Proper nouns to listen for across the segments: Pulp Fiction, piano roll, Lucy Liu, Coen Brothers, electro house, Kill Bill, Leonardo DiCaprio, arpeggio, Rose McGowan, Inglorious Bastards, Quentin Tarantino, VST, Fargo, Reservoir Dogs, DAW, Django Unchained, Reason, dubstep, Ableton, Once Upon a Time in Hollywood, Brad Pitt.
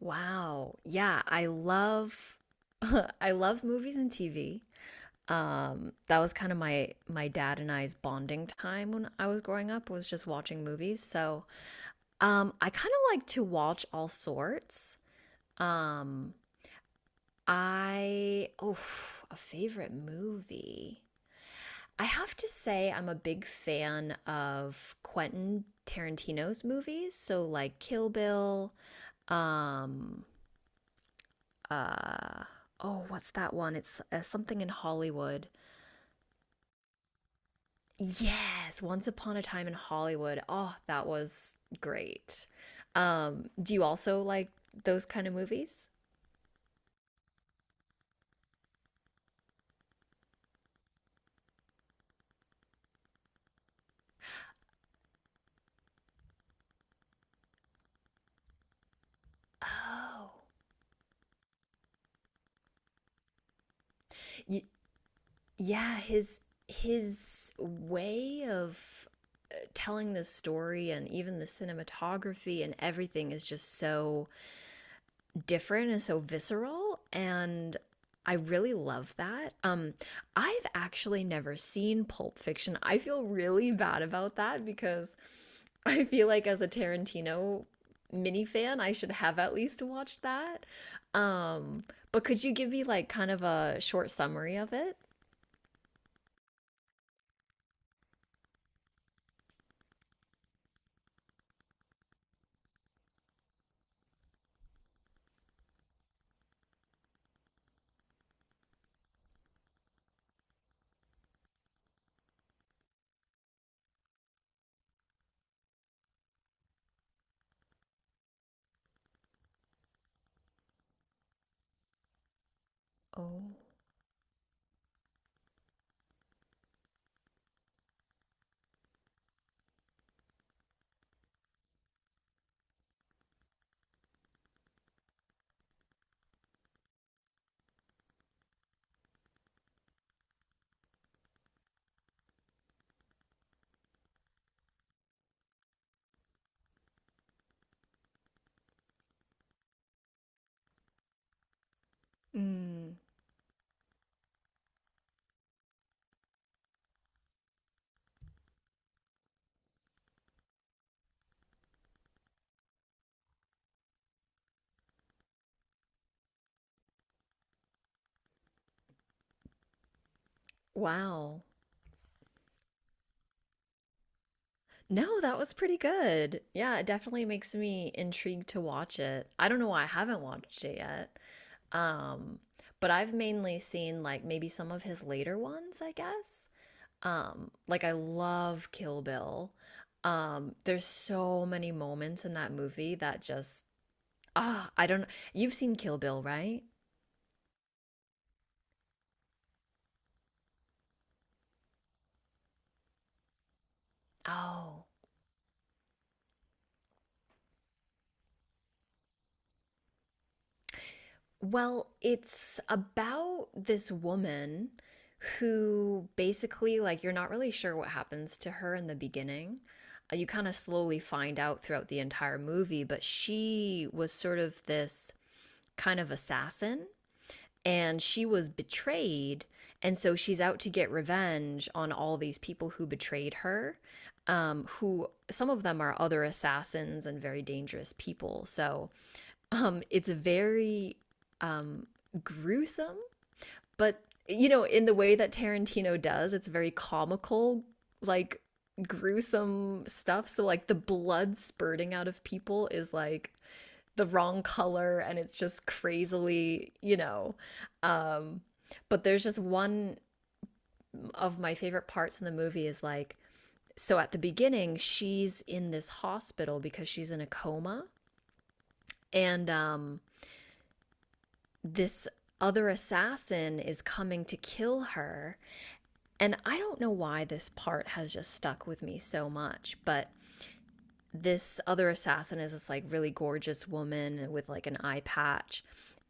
Wow. Yeah, I love I love movies and TV. That was kind of my dad and I's bonding time when I was growing up was just watching movies. So, I kind of like to watch all sorts. Um, I oh, a favorite movie. I have to say I'm a big fan of Quentin Tarantino's movies, so like Kill Bill, um uh oh what's that one, it's something in Hollywood? Yes, Once Upon a Time in Hollywood. Oh, that was great. Um, do you also like those kind of movies? Oh, y- yeah, his way of telling the story and even the cinematography and everything is just so different and so visceral, and I really love that. I've actually never seen Pulp Fiction. I feel really bad about that because I feel like as a Tarantino mini fan, I should have at least watched that. Um but could you give me like kind of a short summary of it? Oh. Mm. Wow. No, that was pretty good. Yeah, it definitely makes me intrigued to watch it. I don't know why I haven't watched it yet. Um, but I've mainly seen like maybe some of his later ones, I guess. Like I love Kill Bill. There's so many moments in that movie that just I don't... You've seen Kill Bill, right? Oh. Well, it's about this woman who basically like you're not really sure what happens to her in the beginning. You kind of slowly find out throughout the entire movie, but she was sort of this kind of assassin, and she was betrayed, and so she's out to get revenge on all these people who betrayed her, who some of them are other assassins and very dangerous people. So, it's very, um, gruesome, but you know, in the way that Tarantino does, it's very comical, like gruesome stuff. So like the blood spurting out of people is like the wrong color, and it's just crazily, you know. Um, but there's just one of my favorite parts in the movie is like, so at the beginning, she's in this hospital because she's in a coma, and this other assassin is coming to kill her. And I don't know why this part has just stuck with me so much, but this other assassin is this like really gorgeous woman with like an eye patch.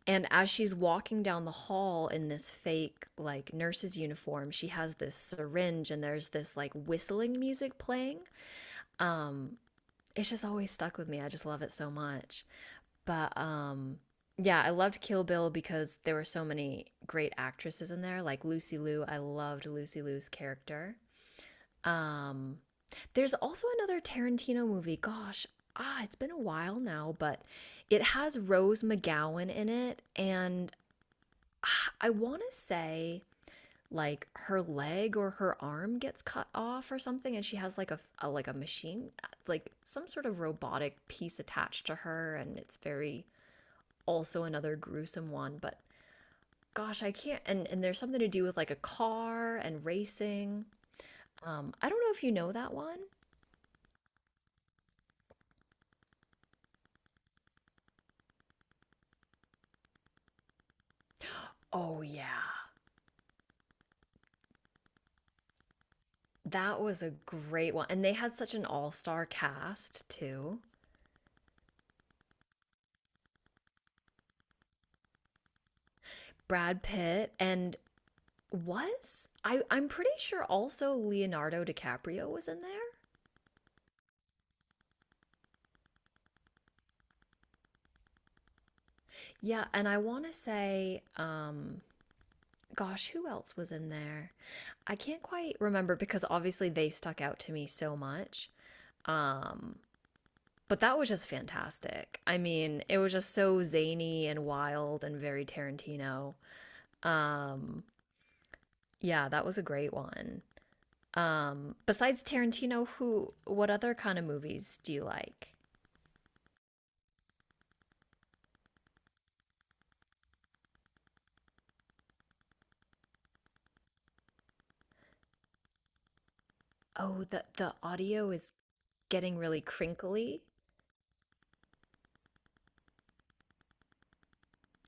And as she's walking down the hall in this fake like nurse's uniform, she has this syringe and there's this like whistling music playing. Um it's just always stuck with me. I just love it so much. But yeah, I loved Kill Bill because there were so many great actresses in there. Like Lucy Liu, I loved Lucy Liu's character. Um, there's also another Tarantino movie. Gosh, it's been a while now, but it has Rose McGowan in it, and I want to say like her leg or her arm gets cut off or something, and she has like a like a machine, like some sort of robotic piece attached to her, and it's very also another gruesome one. But gosh, I can't. And there's something to do with like a car and racing. I don't know if you know that one. Oh yeah. That was a great one. And they had such an all-star cast too. Brad Pitt, and was I'm pretty sure also Leonardo DiCaprio was in there. Yeah, and I want to say, gosh, who else was in there? I can't quite remember because obviously they stuck out to me so much. Um but that was just fantastic. I mean, it was just so zany and wild and very Tarantino. Um yeah, that was a great one. Besides Tarantino, who what other kind of movies do you like? Oh, the audio is getting really crinkly.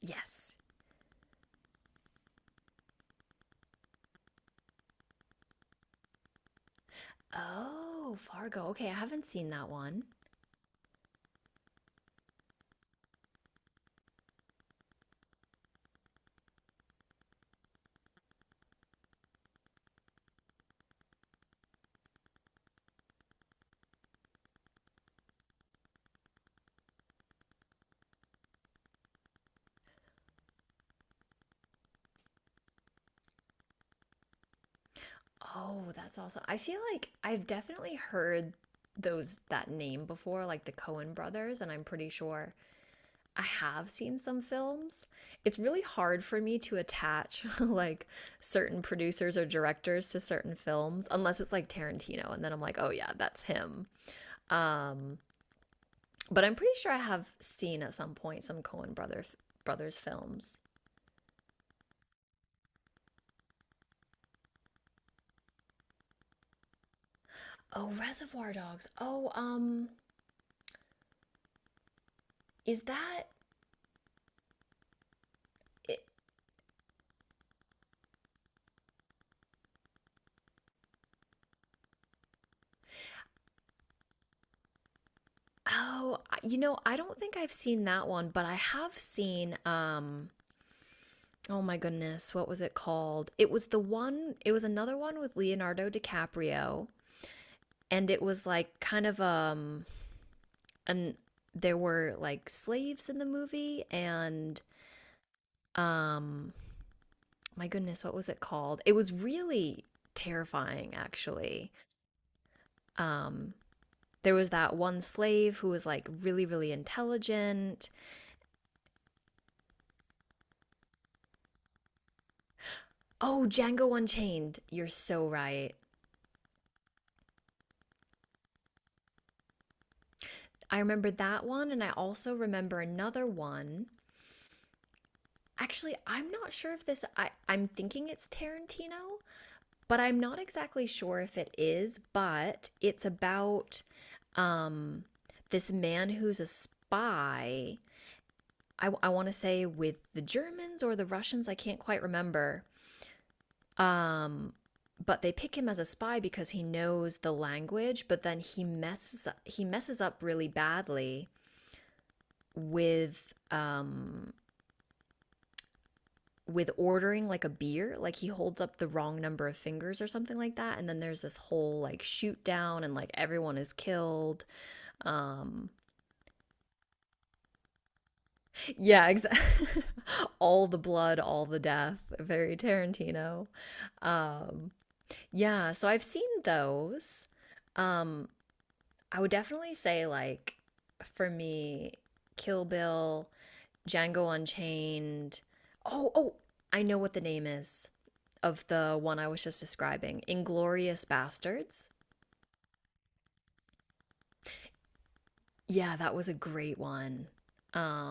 Yes. Oh, Fargo. Okay, I haven't seen that one. Oh, that's awesome. I feel like I've definitely heard those that name before, like the Coen brothers, and I'm pretty sure I have seen some films. It's really hard for me to attach like certain producers or directors to certain films unless it's like Tarantino, and then I'm like, "Oh yeah, that's him." Um, but I'm pretty sure I have seen at some point some Coen brothers films. Oh, Reservoir Dogs. Oh, um, is that it? Oh, you know, I don't think I've seen that one, but I have seen, oh my goodness, what was it called? It was another one with Leonardo DiCaprio, and it was like kind of, and there were like slaves in the movie, and um my goodness, what was it called? It was really terrifying, actually. Um there was that one slave who was like really intelligent. Oh, Django Unchained. You're so right. I remember that one, and I also remember another one. Actually, I'm not sure if this... I'm thinking it's Tarantino, but I'm not exactly sure if it is, but it's about, um this man who's a spy. I want to say with the Germans or the Russians, I can't quite remember. Um but they pick him as a spy because he knows the language, but then he messes up really badly with, um, ordering like a beer, like he holds up the wrong number of fingers or something like that, and then there's this whole like shoot down and like everyone is killed. Um yeah, exactly. All the blood, all the death, very Tarantino. Um yeah, so I've seen those. Um I would definitely say like for me Kill Bill, Django Unchained. Oh, I know what the name is of the one I was just describing: Inglorious Bastards. Yeah, that was a great one. Um,